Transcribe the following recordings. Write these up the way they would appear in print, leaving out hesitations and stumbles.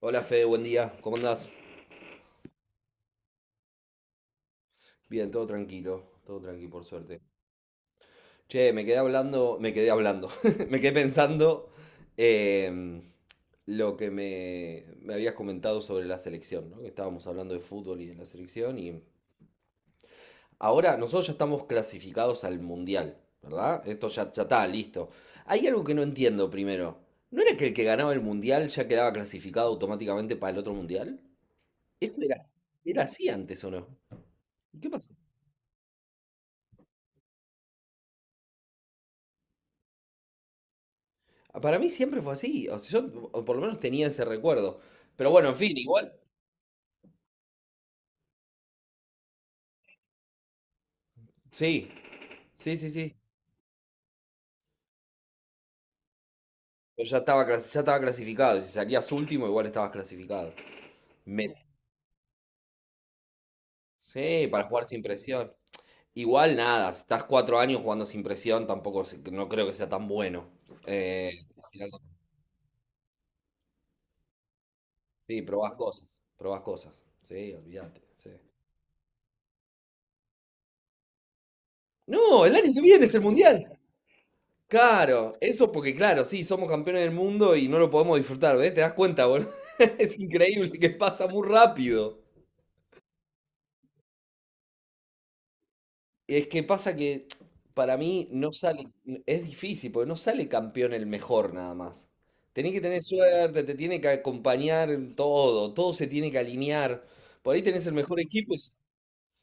Hola Fede, buen día, ¿cómo andás? Bien, todo tranquilo por suerte. Che, me quedé hablando, me quedé pensando em, lo que me habías comentado sobre la selección, ¿no? Que estábamos hablando de fútbol y de la selección y ahora nosotros ya estamos clasificados al mundial, ¿verdad? Esto ya, ya está, listo. Hay algo que no entiendo primero. ¿No era que el que ganaba el mundial ya quedaba clasificado automáticamente para el otro mundial? Eso era, era así antes, ¿o no? ¿Y qué pasó? Para mí siempre fue así, o sea, yo o por lo menos tenía ese recuerdo. Pero bueno, en fin, igual, sí, sí, sí, sí. Pero ya estaba, ya estaba clasificado, y si salías último, igual estabas clasificado. Me- sí, para jugar sin presión. Igual nada, si estás 4 años jugando sin presión, tampoco no creo que sea tan bueno. Eh, sí, probás cosas, probás cosas. Sí, olvídate, sí. No, el año que viene es el mundial. Claro, eso porque claro, sí, somos campeones del mundo y no lo podemos disfrutar, ¿ves? ¿Te das cuenta, boludo? Es increíble que pasa muy rápido. Es que pasa que para mí no sale, es difícil, porque no sale campeón el mejor nada más. Tenés que tener suerte, te tiene que acompañar en todo, todo se tiene que alinear. Por ahí tenés el mejor equipo, y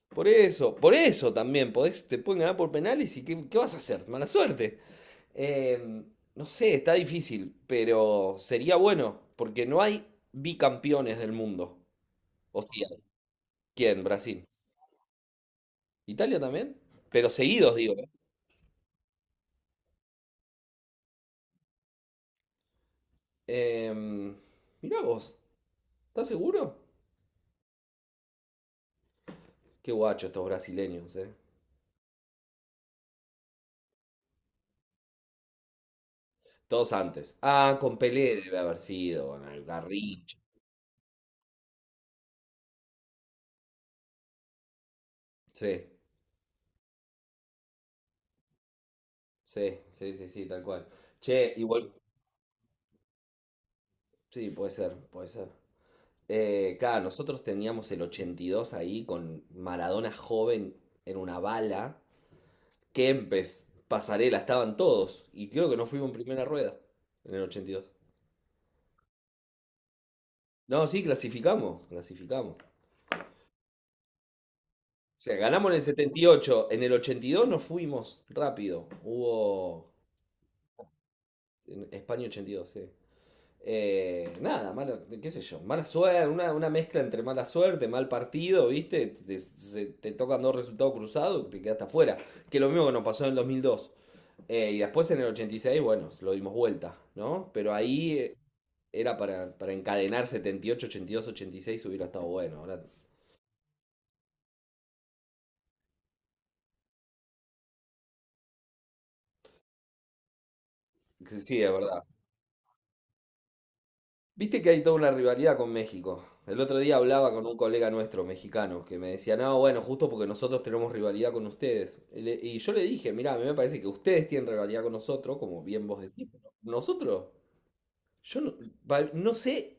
por eso también, podés, te pueden ganar por penales y ¿qué, qué vas a hacer? Mala suerte. Eh, no sé, está difícil, pero sería bueno, porque no hay bicampeones del mundo. O sea, ¿quién? Brasil. ¿Italia también? Pero seguidos, digo. ¿Eh? Em, mirá vos, ¿estás seguro? Qué guacho estos brasileños, ¿eh? Todos antes. Ah, con Pelé debe haber sido, con el Garrincha. Sí, sí, sí, sí, sí, tal cual. Che, igual, sí, puede ser, puede ser. Claro, nosotros teníamos el 82 ahí con Maradona joven en una bala. Kempes, Pasarela, estaban todos. Y creo que no fuimos en primera rueda en el ochenta y dos. No, sí, clasificamos, clasificamos. O sea, ganamos en el setenta y ocho. En el 82 nos fuimos rápido. Hubo en España ochenta y dos, sí. Nada, mala, qué sé yo, mala suerte, una mezcla entre mala suerte, mal partido, ¿viste? Te, te tocan dos resultados cruzados, te quedaste afuera. Que lo mismo que nos pasó en el 2002. Y después en el 86, bueno, lo dimos vuelta, ¿no? Pero ahí era para encadenar 78, 82, 86, hubiera estado bueno. Ahora, sí, es verdad. Viste que hay toda una rivalidad con México. El otro día hablaba con un colega nuestro, mexicano, que me decía, no, bueno, justo porque nosotros tenemos rivalidad con ustedes. Y, y yo le dije, mirá, a mí me parece que ustedes tienen rivalidad con nosotros, como bien vos decís, pero nosotros, yo no, no sé,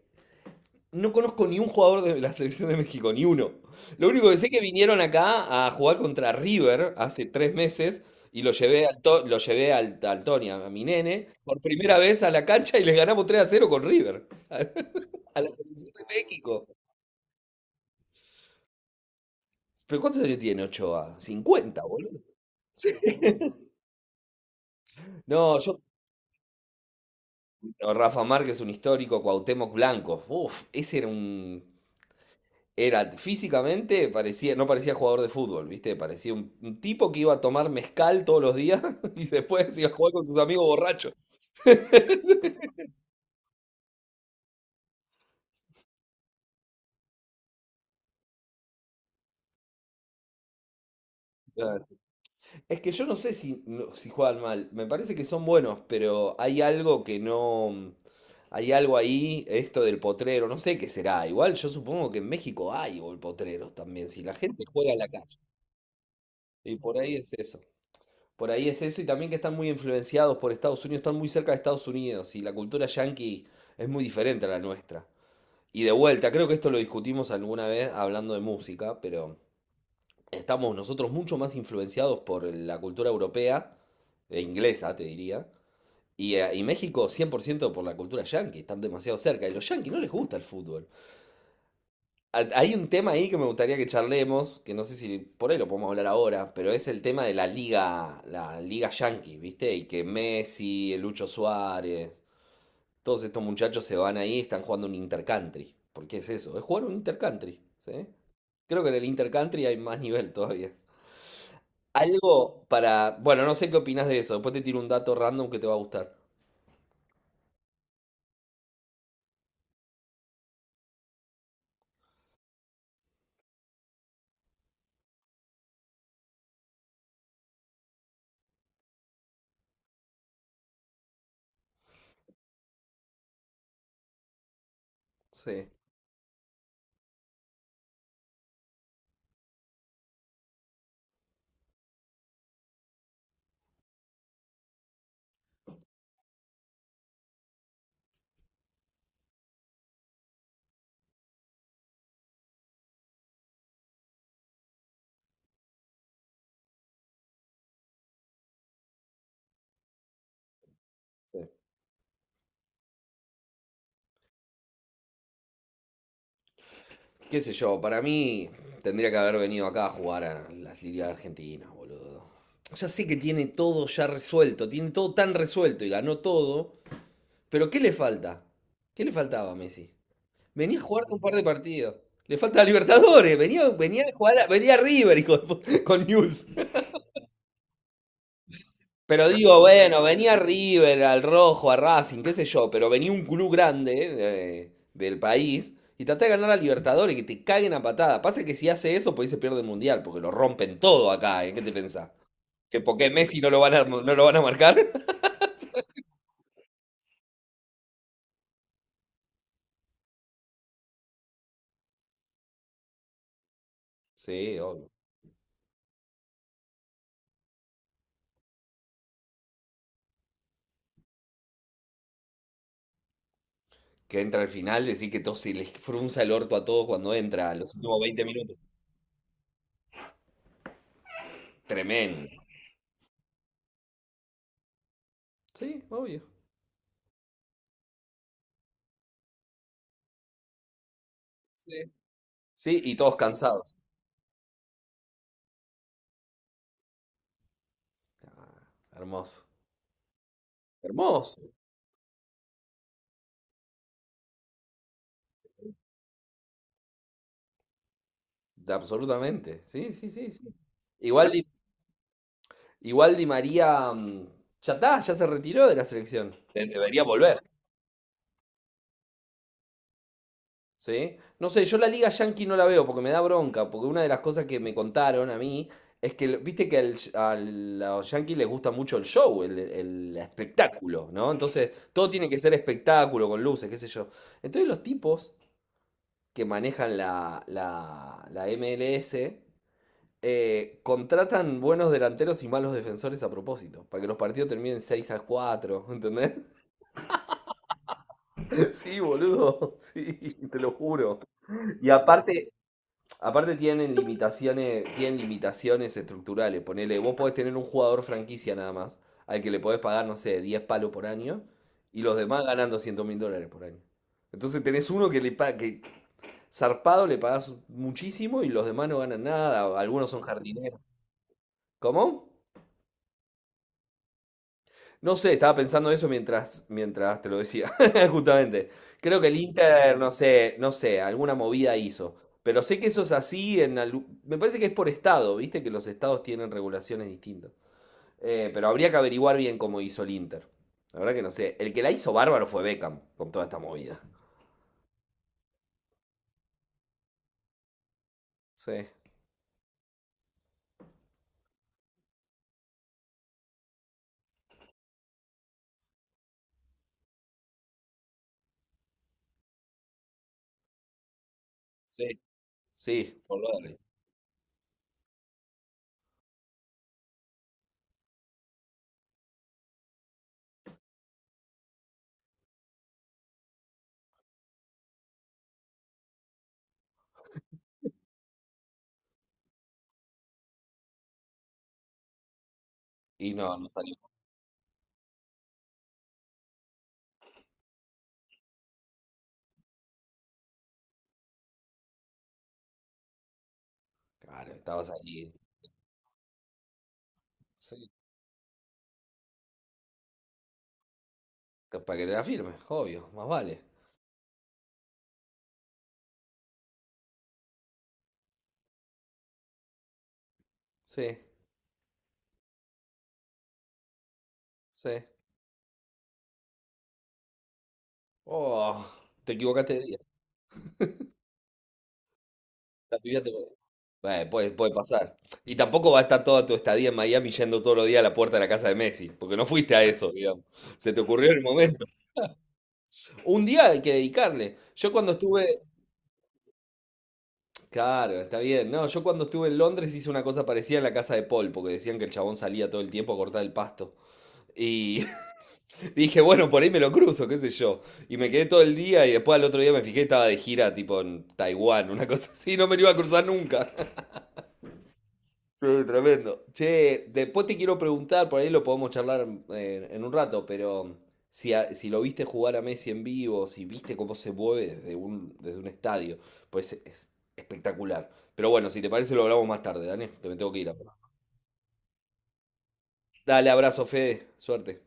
no conozco ni un jugador de la selección de México, ni uno. Lo único que sé es que vinieron acá a jugar contra River hace 3 meses y lo llevé lo llevé al Tony, a mi nene, por primera vez a la cancha y les ganamos 3-0 con River a la selección de México. ¿Pero cuántos años tiene Ochoa? 50, boludo? Sí. No, yo. No, Rafa Márquez, un histórico, Cuauhtémoc Blanco. Uf, ese era un. Era físicamente, parecía, no parecía jugador de fútbol, ¿viste? Parecía un tipo que iba a tomar mezcal todos los días y después iba a jugar con sus amigos borrachos. Ah, es que yo no sé si, si juegan mal, me parece que son buenos, pero hay algo que no... Hay algo ahí, esto del potrero, no sé qué será. Igual yo supongo que en México hay potreros también, si la gente juega en la calle. Y por ahí es eso. Por ahí es eso y también que están muy influenciados por Estados Unidos, están muy cerca de Estados Unidos y la cultura yanqui es muy diferente a la nuestra. Y de vuelta, creo que esto lo discutimos alguna vez hablando de música, pero estamos nosotros mucho más influenciados por la cultura europea, e inglesa, te diría, y México 100% por ciento por la cultura yanqui, están demasiado cerca. Y a los yanquis no les gusta el fútbol. Hay un tema ahí que me gustaría que charlemos, que no sé si por ahí lo podemos hablar ahora, pero es el tema de la liga yanqui, ¿viste? Y que Messi, el Lucho Suárez, todos estos muchachos se van ahí, están jugando un intercountry. ¿Por qué es eso? Es jugar un intercountry, ¿sí? Creo que en el intercountry hay más nivel todavía. Algo para... Bueno, no sé qué opinas de eso. Después te tiro un dato random que te va a gustar. Sí, sí. Qué sé yo, para mí tendría que haber venido acá a jugar a las ligas argentinas, boludo. Ya sé que tiene todo ya resuelto, tiene todo tan resuelto y ganó todo, pero ¿qué le falta? ¿Qué le faltaba a Messi? Venía a jugar un par de partidos. Le falta a Libertadores, venía, venía a jugar venía a River hijo de con News. Pero digo, bueno, venía River, al Rojo, a Racing, qué sé yo, pero venía un club grande del país y traté de ganar a Libertadores, que te caguen a patada. Pasa que si hace eso, pues ahí se pierde el Mundial, porque lo rompen todo acá, ¿eh? ¿Qué te pensás? ¿Que porque Messi no lo van a, no lo van a marcar? Sí, obvio. Que entra al final, decir que todos se les frunza el orto a todos cuando entra, los últimos 20 minutos. Tremendo. Sí, obvio. Sí, sí, y todos cansados. Ah, hermoso. Hermoso. Absolutamente. Sí, sí, sí, sí. Igual Di, igual Di María, ya está, ya se retiró de la selección. Debería volver. ¿Sí? No sé, yo la Liga Yankee no la veo porque me da bronca, porque una de las cosas que me contaron a mí es que, viste que a los Yankees les gusta mucho el show, el espectáculo, ¿no? Entonces, todo tiene que ser espectáculo, con luces, qué sé yo. Entonces, los tipos que manejan la MLS. Contratan buenos delanteros y malos defensores a propósito, para que los partidos terminen 6-4, ¿entendés? Sí, boludo, sí, te lo juro. Y aparte, aparte tienen limitaciones estructurales. Ponele, vos podés tener un jugador franquicia nada más, al que le podés pagar, no sé, 10 palos por año, y los demás ganan 200.000 dólares por año. Entonces tenés uno que que zarpado le pagás muchísimo y los demás no ganan nada, algunos son jardineros. ¿Cómo? No sé, estaba pensando eso mientras te lo decía, justamente. Creo que el Inter, no sé, no sé, alguna movida hizo. Pero sé que eso es así en me parece que es por estado, viste que los estados tienen regulaciones distintas. Pero habría que averiguar bien cómo hizo el Inter. La verdad que no sé. El que la hizo bárbaro fue Beckham con toda esta movida. Sí, sí, sí, por y no, no salió. Claro, estabas ahí. Sí. Para que te la firme, obvio, más vale. Sí, sí. Oh, te equivocaste de día. La lluvia te puede, bueno, puede, puede pasar. Y tampoco va a estar toda tu estadía en Miami yendo todos los días a la puerta de la casa de Messi, porque no fuiste a eso, digamos. Se te ocurrió en el momento. Un día hay que dedicarle. Yo cuando estuve, claro, está bien. No, yo cuando estuve en Londres hice una cosa parecida en la casa de Paul, porque decían que el chabón salía todo el tiempo a cortar el pasto. Y dije, bueno, por ahí me lo cruzo, qué sé yo. Y me quedé todo el día y después al otro día me fijé, estaba de gira tipo en Taiwán, una cosa así, no me lo iba a cruzar nunca. Sí, tremendo. Che, después te quiero preguntar, por ahí lo podemos charlar en un rato, pero si lo viste jugar a Messi en vivo, si viste cómo se mueve desde desde un estadio, pues es espectacular. Pero bueno, si te parece lo hablamos más tarde, Dani, que me tengo que ir. Ahora. Dale, abrazo, Fede, suerte.